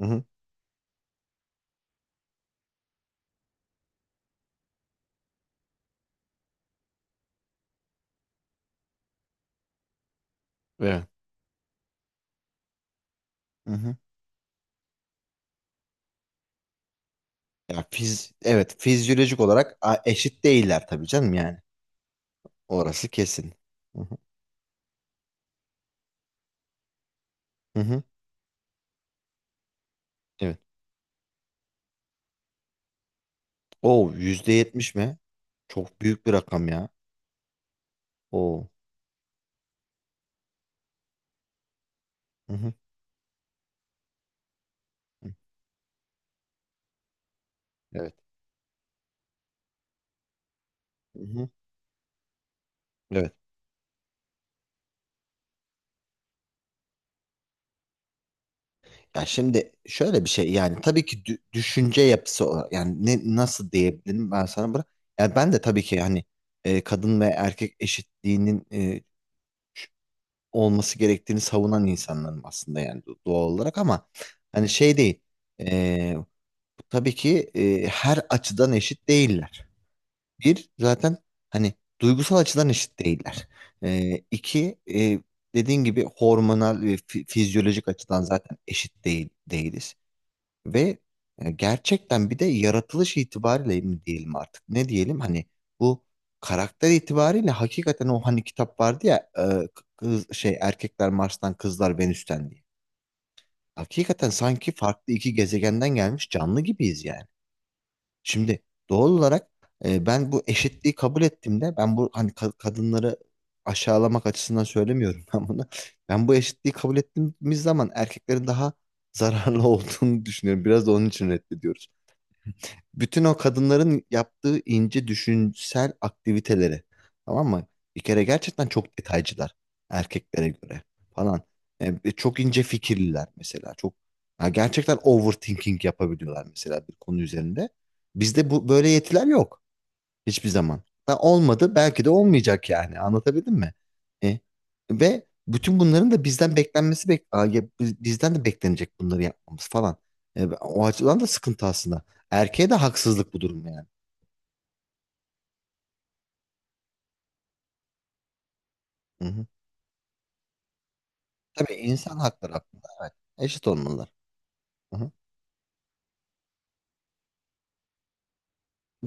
Hı-hı. Evet. Hı-hı. Ya fiz evet fizyolojik olarak eşit değiller tabii canım yani. Orası kesin. Hı-hı. Hı-hı. Evet. O yüzde yetmiş mi? Çok büyük bir rakam ya. O. Hı-hı. Evet. Hı-hı. Evet. Ya şimdi şöyle bir şey, yani tabii ki düşünce yapısı olarak, yani ne nasıl diyebilirim ben sana bırak. Yani ben de tabii ki hani kadın ve erkek eşitliğinin olması gerektiğini savunan insanlarım aslında, yani doğal olarak, ama hani şey değil. Ee, tabii ki her açıdan eşit değiller. Bir zaten hani duygusal açıdan eşit değiller. İki, dediğin gibi hormonal ve fizyolojik açıdan zaten eşit değil değiliz. Ve gerçekten bir de yaratılış itibariyle mi diyelim, artık ne diyelim, hani bu karakter itibariyle, hakikaten o hani kitap vardı ya, kız, şey, erkekler Mars'tan kızlar Venüs'ten diye. Hakikaten sanki farklı iki gezegenden gelmiş canlı gibiyiz yani. Şimdi doğal olarak ben bu eşitliği kabul ettiğimde, ben bu hani kadınları aşağılamak açısından söylemiyorum ben bunu. Ben bu eşitliği kabul ettiğimiz zaman erkeklerin daha zararlı olduğunu düşünüyorum. Biraz da onun için reddediyoruz. Bütün o kadınların yaptığı ince düşünsel aktiviteleri. Tamam mı? Bir kere gerçekten çok detaycılar erkeklere göre falan. Çok ince fikirliler mesela. Çok, ya gerçekten overthinking yapabiliyorlar mesela bir konu üzerinde. Bizde bu böyle yetiler yok. Hiçbir zaman. Ha, olmadı. Belki de olmayacak yani. Anlatabildim mi? E, ve bütün bunların da bizden beklenmesi, Aa, ya bizden de beklenecek bunları yapmamız falan. O açıdan da sıkıntı aslında. Erkeğe de haksızlık bu durum yani. Hı hı. Tabii, insan hakları hakkında evet. Eşit olmalılar. Hı hı.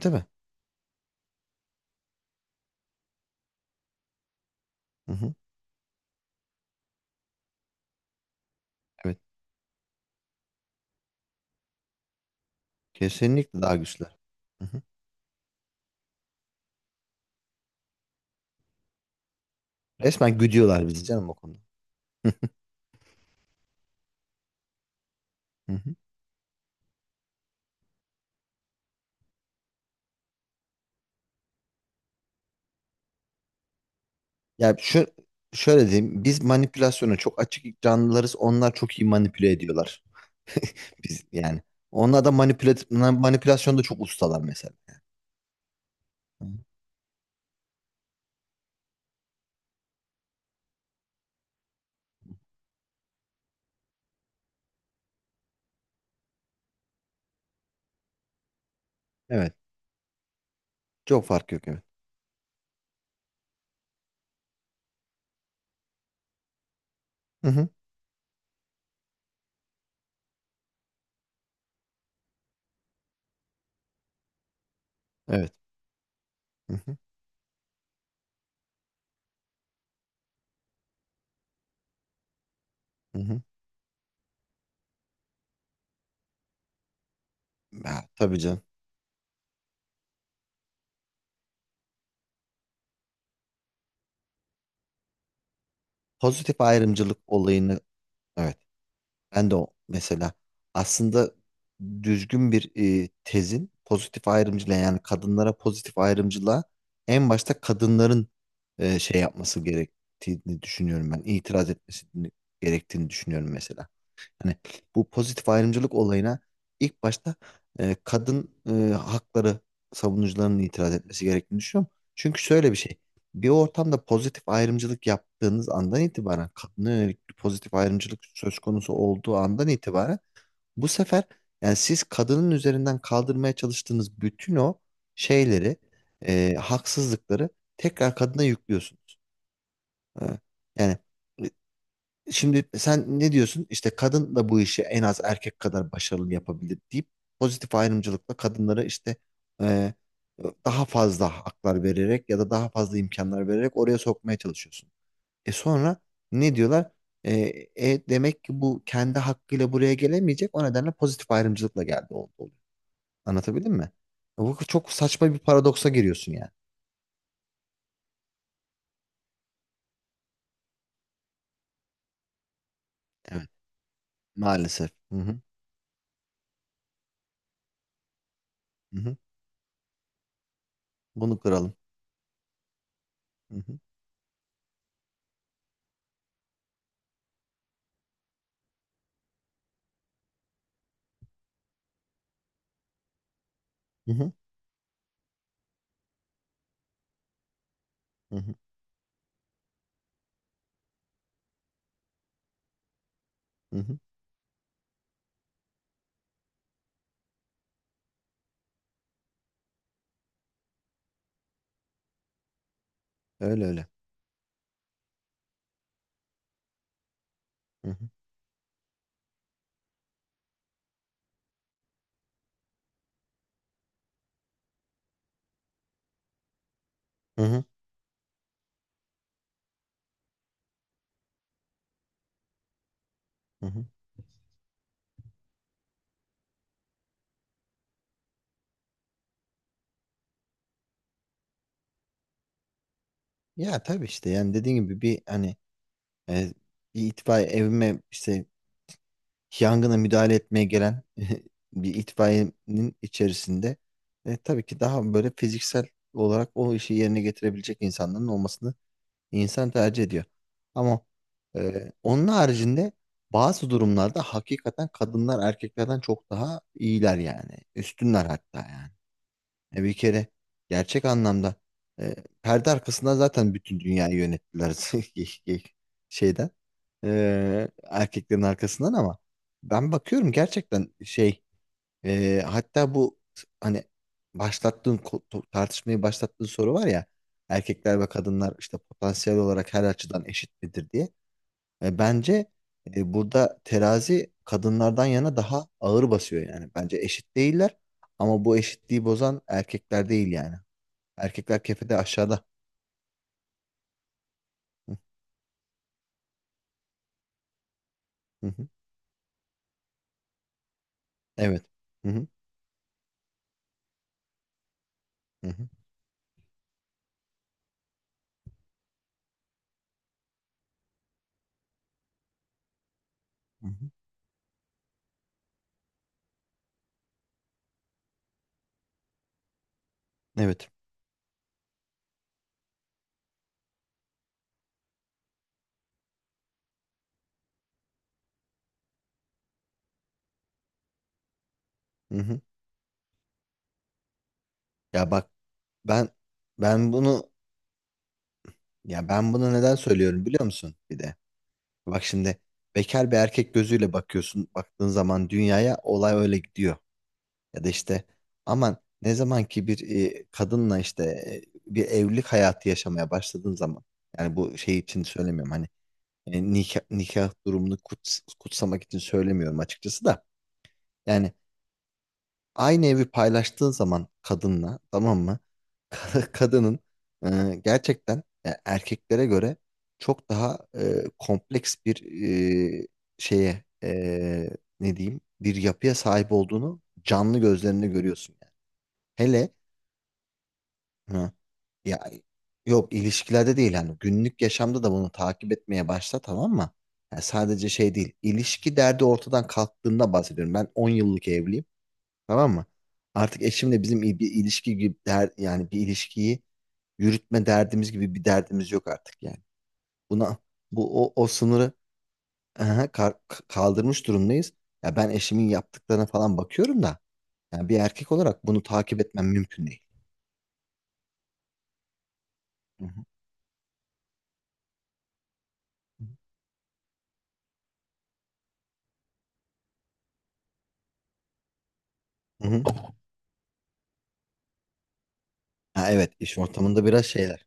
Tabii. Hı hı. Evet. Kesinlikle daha güçlüler. Hı hı. Resmen güdüyorlar bizi canım o konuda. Hı hı. Şu, şöyle diyeyim. Biz manipülasyona çok açık canlılarız. Onlar çok iyi manipüle ediyorlar. Biz yani. Onlar da manipülasyonda çok ustalar mesela. Hı. Evet. Çok fark yok, evet. Hı hı. Evet. Hı hı. Hı hı. Ya, tabii canım. Pozitif ayrımcılık olayını, evet. Ben de o mesela, aslında, düzgün bir tezin pozitif ayrımcılığa, yani kadınlara pozitif ayrımcılığa, en başta kadınların şey yapması gerektiğini düşünüyorum ben. İtiraz etmesi gerektiğini düşünüyorum mesela. Hani bu pozitif ayrımcılık olayına ilk başta kadın, hakları savunucularının itiraz etmesi gerektiğini düşünüyorum. Çünkü şöyle bir şey. Bir ortamda pozitif ayrımcılık yaptığınız andan itibaren, kadına yönelik bir pozitif ayrımcılık söz konusu olduğu andan itibaren, bu sefer, yani siz kadının üzerinden kaldırmaya çalıştığınız bütün o şeyleri, haksızlıkları, tekrar kadına yüklüyorsunuz. E, yani Şimdi sen ne diyorsun? İşte kadın da bu işi en az erkek kadar başarılı yapabilir deyip pozitif ayrımcılıkla kadınlara işte e, daha fazla haklar vererek ya da daha fazla imkanlar vererek oraya sokmaya çalışıyorsun. E sonra ne diyorlar? E, demek ki bu kendi hakkıyla buraya gelemeyecek. O nedenle pozitif ayrımcılıkla geldi, oldu, oluyor. Anlatabildim mi? Bu çok saçma bir paradoksa giriyorsun yani. Evet, maalesef. Hı hı, hı hı. Bunu kıralım. Hı hı, hı hı, hı hı, hı hı. Öyle öyle. Hı hı. Hı hı, hı hı. Ya tabii, işte yani dediğin gibi, bir hani e, bir itfaiye evime işte yangına müdahale etmeye gelen bir itfaiyenin içerisinde tabii ki daha böyle fiziksel olarak o işi yerine getirebilecek insanların olmasını insan tercih ediyor. Ama onun haricinde bazı durumlarda hakikaten kadınlar erkeklerden çok daha iyiler yani. Üstünler hatta yani. E bir kere gerçek anlamda e, perde arkasında zaten bütün dünyayı yönettiler. Şeyden, erkeklerin arkasından. Ama ben bakıyorum gerçekten şey, hatta bu hani tartışmayı başlattığın soru var ya, erkekler ve kadınlar işte potansiyel olarak her açıdan eşit midir diye. Bence burada terazi kadınlardan yana daha ağır basıyor yani. Bence eşit değiller, ama bu eşitliği bozan erkekler değil yani. Erkekler kefede aşağıda. Hı, hı, hı. Evet. Hı, hı, hı, hı, hı, hı. Evet. Hı, hı. Ya bak, ben ben bunu, ya ben bunu neden söylüyorum biliyor musun bir de? Bak şimdi, bekar bir erkek gözüyle bakıyorsun. Baktığın zaman dünyaya olay öyle gidiyor. Ya da işte, aman, ne zaman ki bir kadınla işte bir evlilik hayatı yaşamaya başladığın zaman, yani bu şey için söylemiyorum hani, nikah durumunu kutsamak için söylemiyorum açıkçası da, yani aynı evi paylaştığın zaman kadınla, tamam mı? Kadının gerçekten erkeklere göre çok daha kompleks bir e, şeye e, ne diyeyim, bir yapıya sahip olduğunu canlı gözlerinde görüyorsun yani. Hele. Hı. Ya yok, ilişkilerde değil, hani günlük yaşamda da bunu takip etmeye başla, tamam mı? Yani sadece şey değil, ilişki derdi ortadan kalktığında bahsediyorum. Ben 10 yıllık evliyim, tamam mı? Artık eşimle bizim bir ilişki gibi der, yani bir ilişkiyi yürütme derdimiz gibi bir derdimiz yok artık yani. Buna, o sınırı, aha, kar- kaldırmış durumdayız. Ya ben eşimin yaptıklarına falan bakıyorum da, yani bir erkek olarak bunu takip etmem mümkün değil. Hı hı. Hı hı. Ha, evet, iş ortamında biraz şeyler.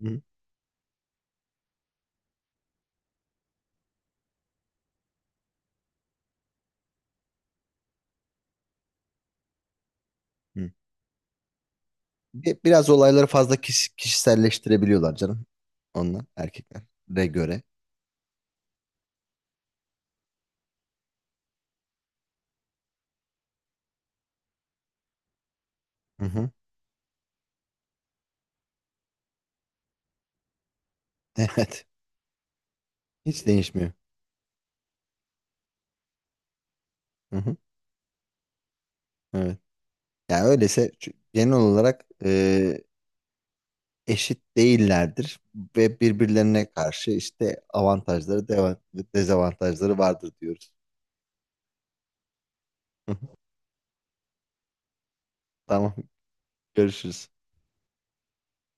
Hı, hı. Biraz olayları fazla kişiselleştirebiliyorlar canım. Onlar erkeklere göre. Hı hı. Evet. Hiç değişmiyor. Hı hı. Evet. Yani öyleyse, genel olarak eşit değillerdir ve birbirlerine karşı işte avantajları, dezavantajları vardır diyoruz. Hı hı. Tamam. Görüşürüz.